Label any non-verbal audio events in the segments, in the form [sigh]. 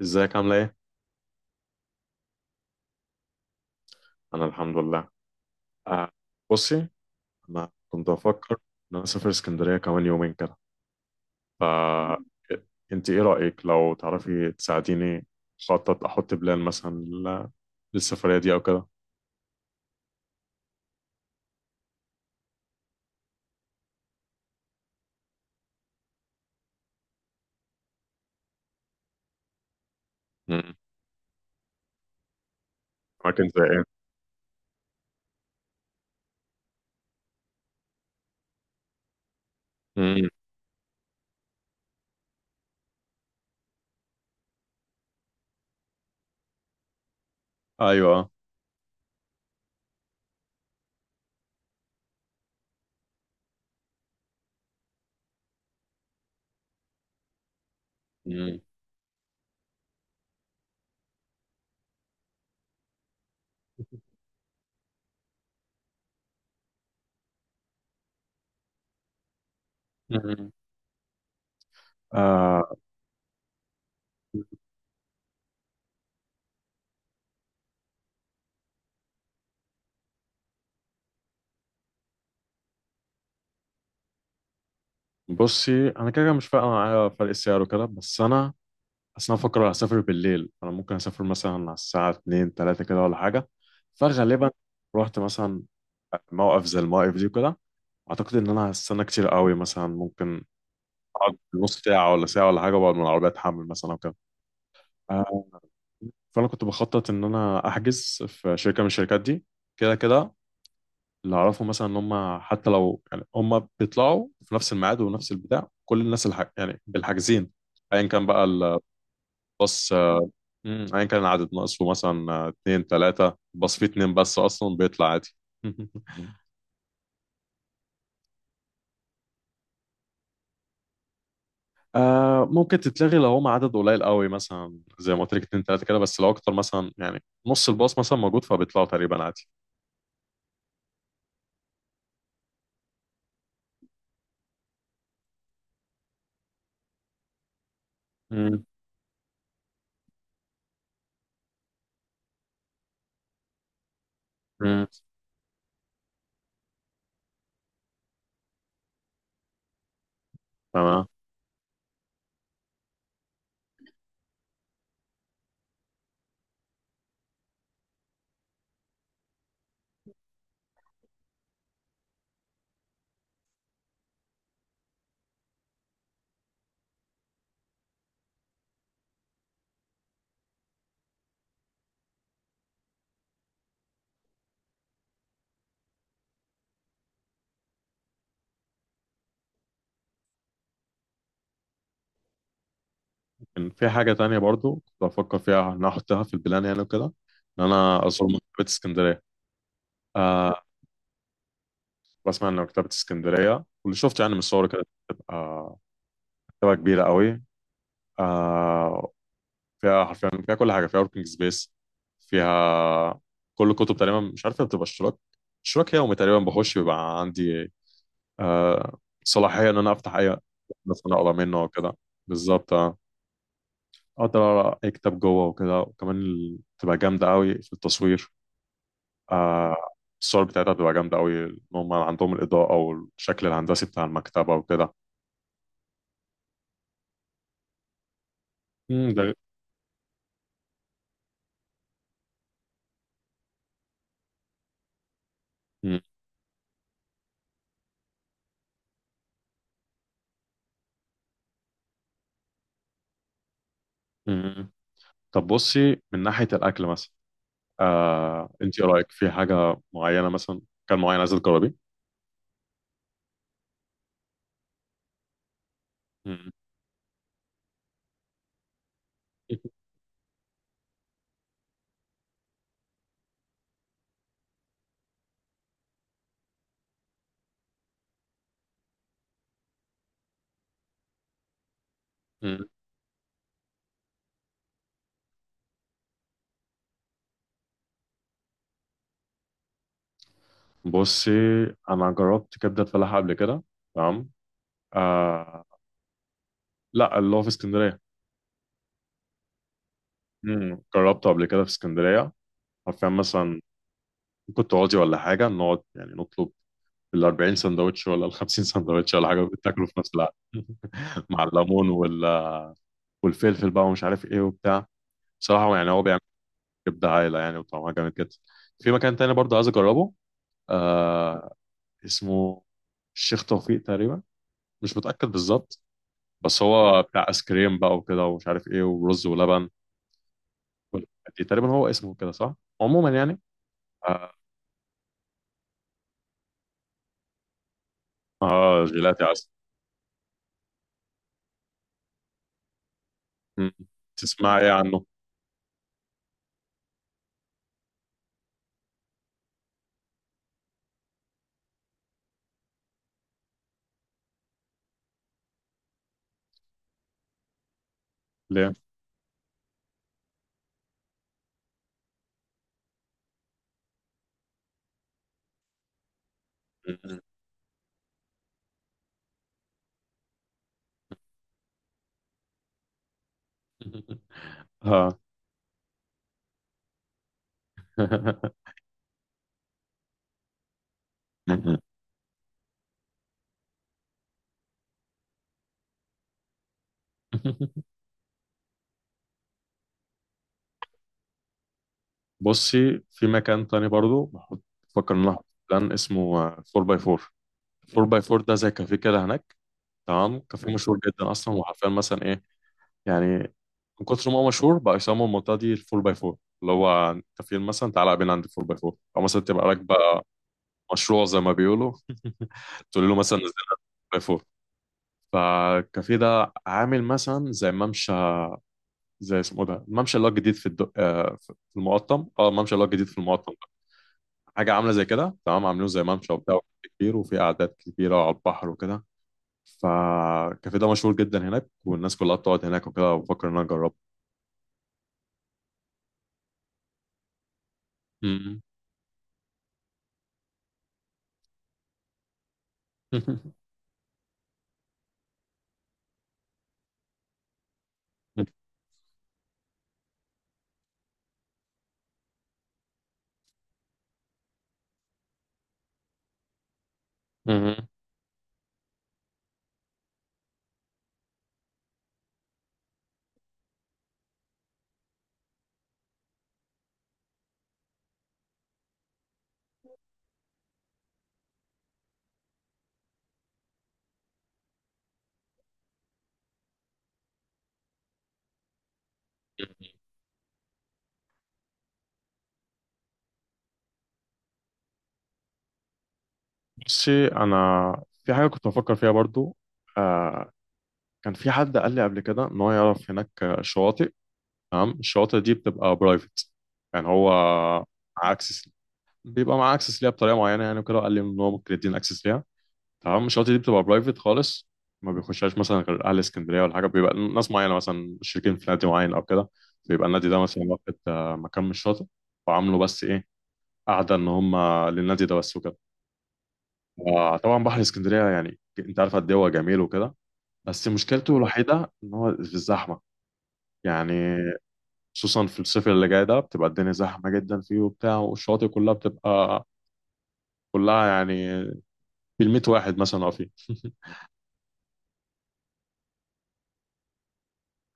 ازيك عاملة ايه؟ أنا الحمد لله. آه بصي، أنا كنت أفكر إن أنا أسافر اسكندرية كمان يومين كده. ف أنت إيه رأيك لو تعرفي تساعديني أخطط، أحط بلان مثلا للسفرية دي أو كده؟ مم. أماكن زي إيه؟ مم. أيوه. مم. مم. آه بصي، أنا كده كده مش فارقة معايا فرق السعر وكده، بس أنا اصل انا بفكر اسافر بالليل. انا ممكن اسافر مثلا على الساعه 2 3 كده ولا حاجه، فغالبا رحت مثلا موقف زي المواقف دي كده، اعتقد ان انا هستنى كتير قوي. مثلا ممكن اقعد نص ساعه ولا ساعه ولا حاجه وبقعد من العربيه اتحمل مثلا او كده. آه، فانا كنت بخطط ان انا احجز في شركه من الشركات دي كده كده. اللي اعرفه مثلا ان هم حتى لو، يعني هم بيطلعوا في نفس الميعاد ونفس البتاع، كل الناس يعني بالحاجزين، ايا كان بقى الباص. مم. ايا كان العدد ناقصه مثلا اتنين تلاتة، بس في اتنين بس اصلا بيطلع عادي. [laughs] آه، ممكن تتلغي لو هم عدد قليل قوي مثلا، زي ما قلت لك اتنين تلاتة كده، بس لو اكتر مثلا يعني نص الباص مثلا موجود فبيطلعوا تقريبا عادي. مم. مم. تمام. كان في حاجة تانية برضو كنت بفكر فيها ان أنا احطها في البلان يعني وكده، ان انا ازور مكتبة اسكندرية. آه. بسمع ان مكتبة اسكندرية، واللي شفت يعني من الصور كده، بتبقى مكتبة كبيرة قوي. آه، فيها حرفيا، فيها كل حاجه، فيها وركينج سبيس، فيها كل الكتب تقريبا. مش عارف، بتبقى اشتراك اشتراك يومي تقريبا، بخش بيبقى عندي آه صلاحيه ان انا افتح اي، بس انا اقرا منه وكده. بالظبط، اه، اقدر اقرا اي كتاب جوه وكده. وكمان بتبقى جامده قوي في التصوير. آه، الصور بتاعتها بتبقى جامده قوي، ان هم عندهم الاضاءه والشكل الهندسي بتاع المكتبه وكده. مم، ده مم، مم. طب بصي، من ناحيه الاكل مثلا، انت ايه رايك في حاجه معينه، مثلا كان معين عايزه تجربيه؟ مم. مم. بصي، انا جربت كبده فلاحه قبل كده. تمام. آه، لا، اللي هو في اسكندريه. مم. جربته قبل كده في اسكندريه. حرفيا مثلا ممكن تقعدي ولا حاجه، نقعد يعني نطلب ال 40 سندوتش ولا ال 50 سندوتش ولا حاجه، بتاكلوا في نفس الوقت. [laughs] مع الليمون والفلفل بقى ومش عارف ايه وبتاع. بصراحه يعني هو بيعمل كبده عايله يعني، وطعمها جامد جدا. في مكان تاني برضه عايز اجربه، آه، اسمه الشيخ توفيق تقريبا، مش متأكد بالظبط. بس هو بتاع ايس كريم بقى وكده، ومش عارف ايه، ورز ولبن والحاجات دي تقريبا. هو اسمه كده صح، عموما يعني. اه. آه جيلاتي عسل. م- تسمع ايه عنه؟ ليه؟ [laughs] اه. [laughs] بصي، في مكان تاني برضو بحط، بفكر ان انا احط بلان اسمه 4 باي 4. 4 باي 4 ده زي كافيه كده هناك، تمام، كافيه مشهور جدا اصلا. وحرفيا مثلا ايه، يعني، من كتر ما هو مشهور بقى يسموا المنطقة دي ال 4 x 4. اللي هو انت فين مثلا، تعالى قابلنا عند 4 x 4، او مثلا تبقى راكبة مشروع زي ما بيقولوا [laughs] تقول له مثلا نزلنا 4 x 4. فالكافيه ده عامل مثلا زي ممشى، زي اسمه ده الممشى اللي هو الجديد آه، في المقطم، اه، الممشى اللي هو الجديد في المقطم ده. حاجة عاملة زي كده، تمام، عاملينه زي ممشى وبتاع كبير، وفي قعدات كبيرة على البحر وكده. فالكافيه ده مشهور جدا هناك والناس كلها بتقعد هناك وكده، وبفكر ان انا اجربه. [laughs] بصي انا، في حاجه كنت بفكر فيها برضو. آه. كان في حد قال لي قبل كده ان هو يعرف هناك شواطئ. تمام، الشواطئ دي بتبقى برايفت، يعني هو مع اكسس، بيبقى مع اكسس ليها بطريقه معينه يعني وكده. قال لي ان هو ممكن يدينا اكسس ليها. تمام، الشواطئ دي بتبقى برايفت خالص، ما بيخشهاش مثلا غير اهل اسكندريه ولا حاجه. بيبقى ناس معينه مثلا مشتركين في نادي معين او كده، بيبقى النادي ده مثلا واخد مكان من الشاطئ وعامله. بس ايه، قاعده ان هم للنادي ده بس وكده. آه طبعا بحر اسكندرية، يعني انت عارف قد ايه هو جميل وكده، بس مشكلته الوحيدة ان هو في الزحمة يعني. خصوصا في الصيف اللي جاي ده بتبقى الدنيا زحمة جدا فيه وبتاع، والشواطئ كلها بتبقى كلها يعني بالمية واحد مثلا واقفين.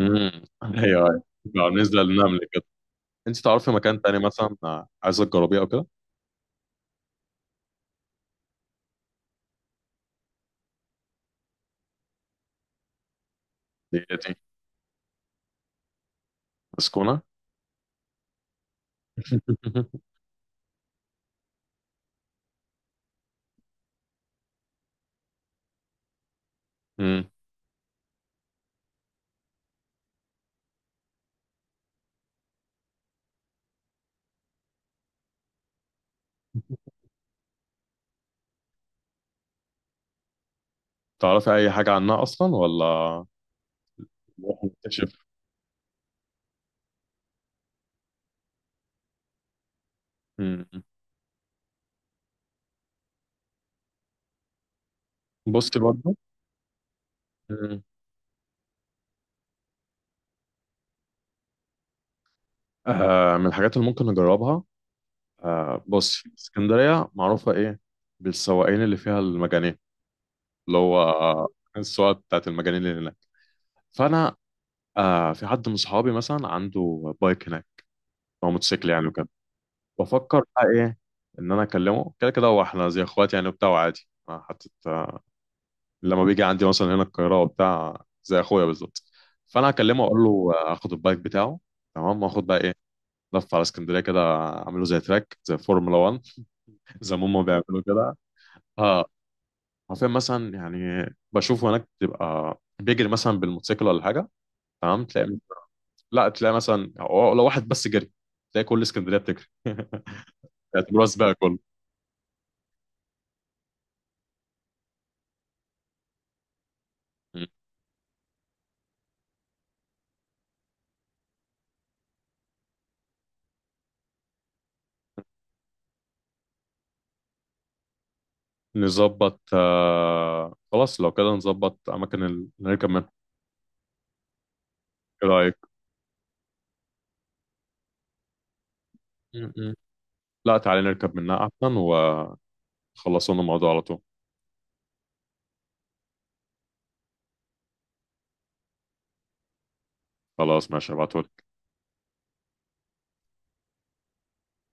امم. [laughs] ايوه ايوه. بالنسبة للنمل كده. انت تعرفي مكان تاني مثلا عايزة تجربيه او كده؟ دي دي مسكونة؟ [laughs] امم. تعرفي اي حاجة عنها اصلا ولا نروح نكتشف؟ امم. بصي برضه، آه، من الحاجات اللي ممكن نجربها، آه، بص، اسكندرية معروفة إيه، بالسواقين اللي فيها المجانين، اللي هو السواقة بتاعت المجانين اللي هناك. فأنا، في حد من صحابي مثلا عنده بايك هناك أو موتوسيكل يعني وكده. بفكر بقى إيه، إن أنا أكلمه. كده كده هو إحنا زي إخوات يعني وبتاع وعادي، حتى لما بيجي عندي مثلا هنا القاهرة وبتاع زي أخويا بالظبط. فأنا أكلمه أقول له آخد البايك بتاعه، تمام، وآخد بقى إيه، لف على اسكندرية كده، أعمله زي تراك زي فورمولا 1، زي ما هم بيعملوا كده. اه، عارفين مثلا يعني. بشوف هناك تبقى بيجري مثلا بالموتوسيكل ولا حاجه، تمام. تلاقي، لا تلاقي مثلا هو لو واحد بس جري، تلاقي كل اسكندريه بتجري. [laughs] يعتبروها سباق كله. مم. نظبط خلاص، لو كده نظبط اماكن اللي نركب منها. ايه رايك؟ مم. لا تعالى نركب منها احسن ونخلصوا لنا الموضوع على طول. خلاص ماشي، ابعتهولي.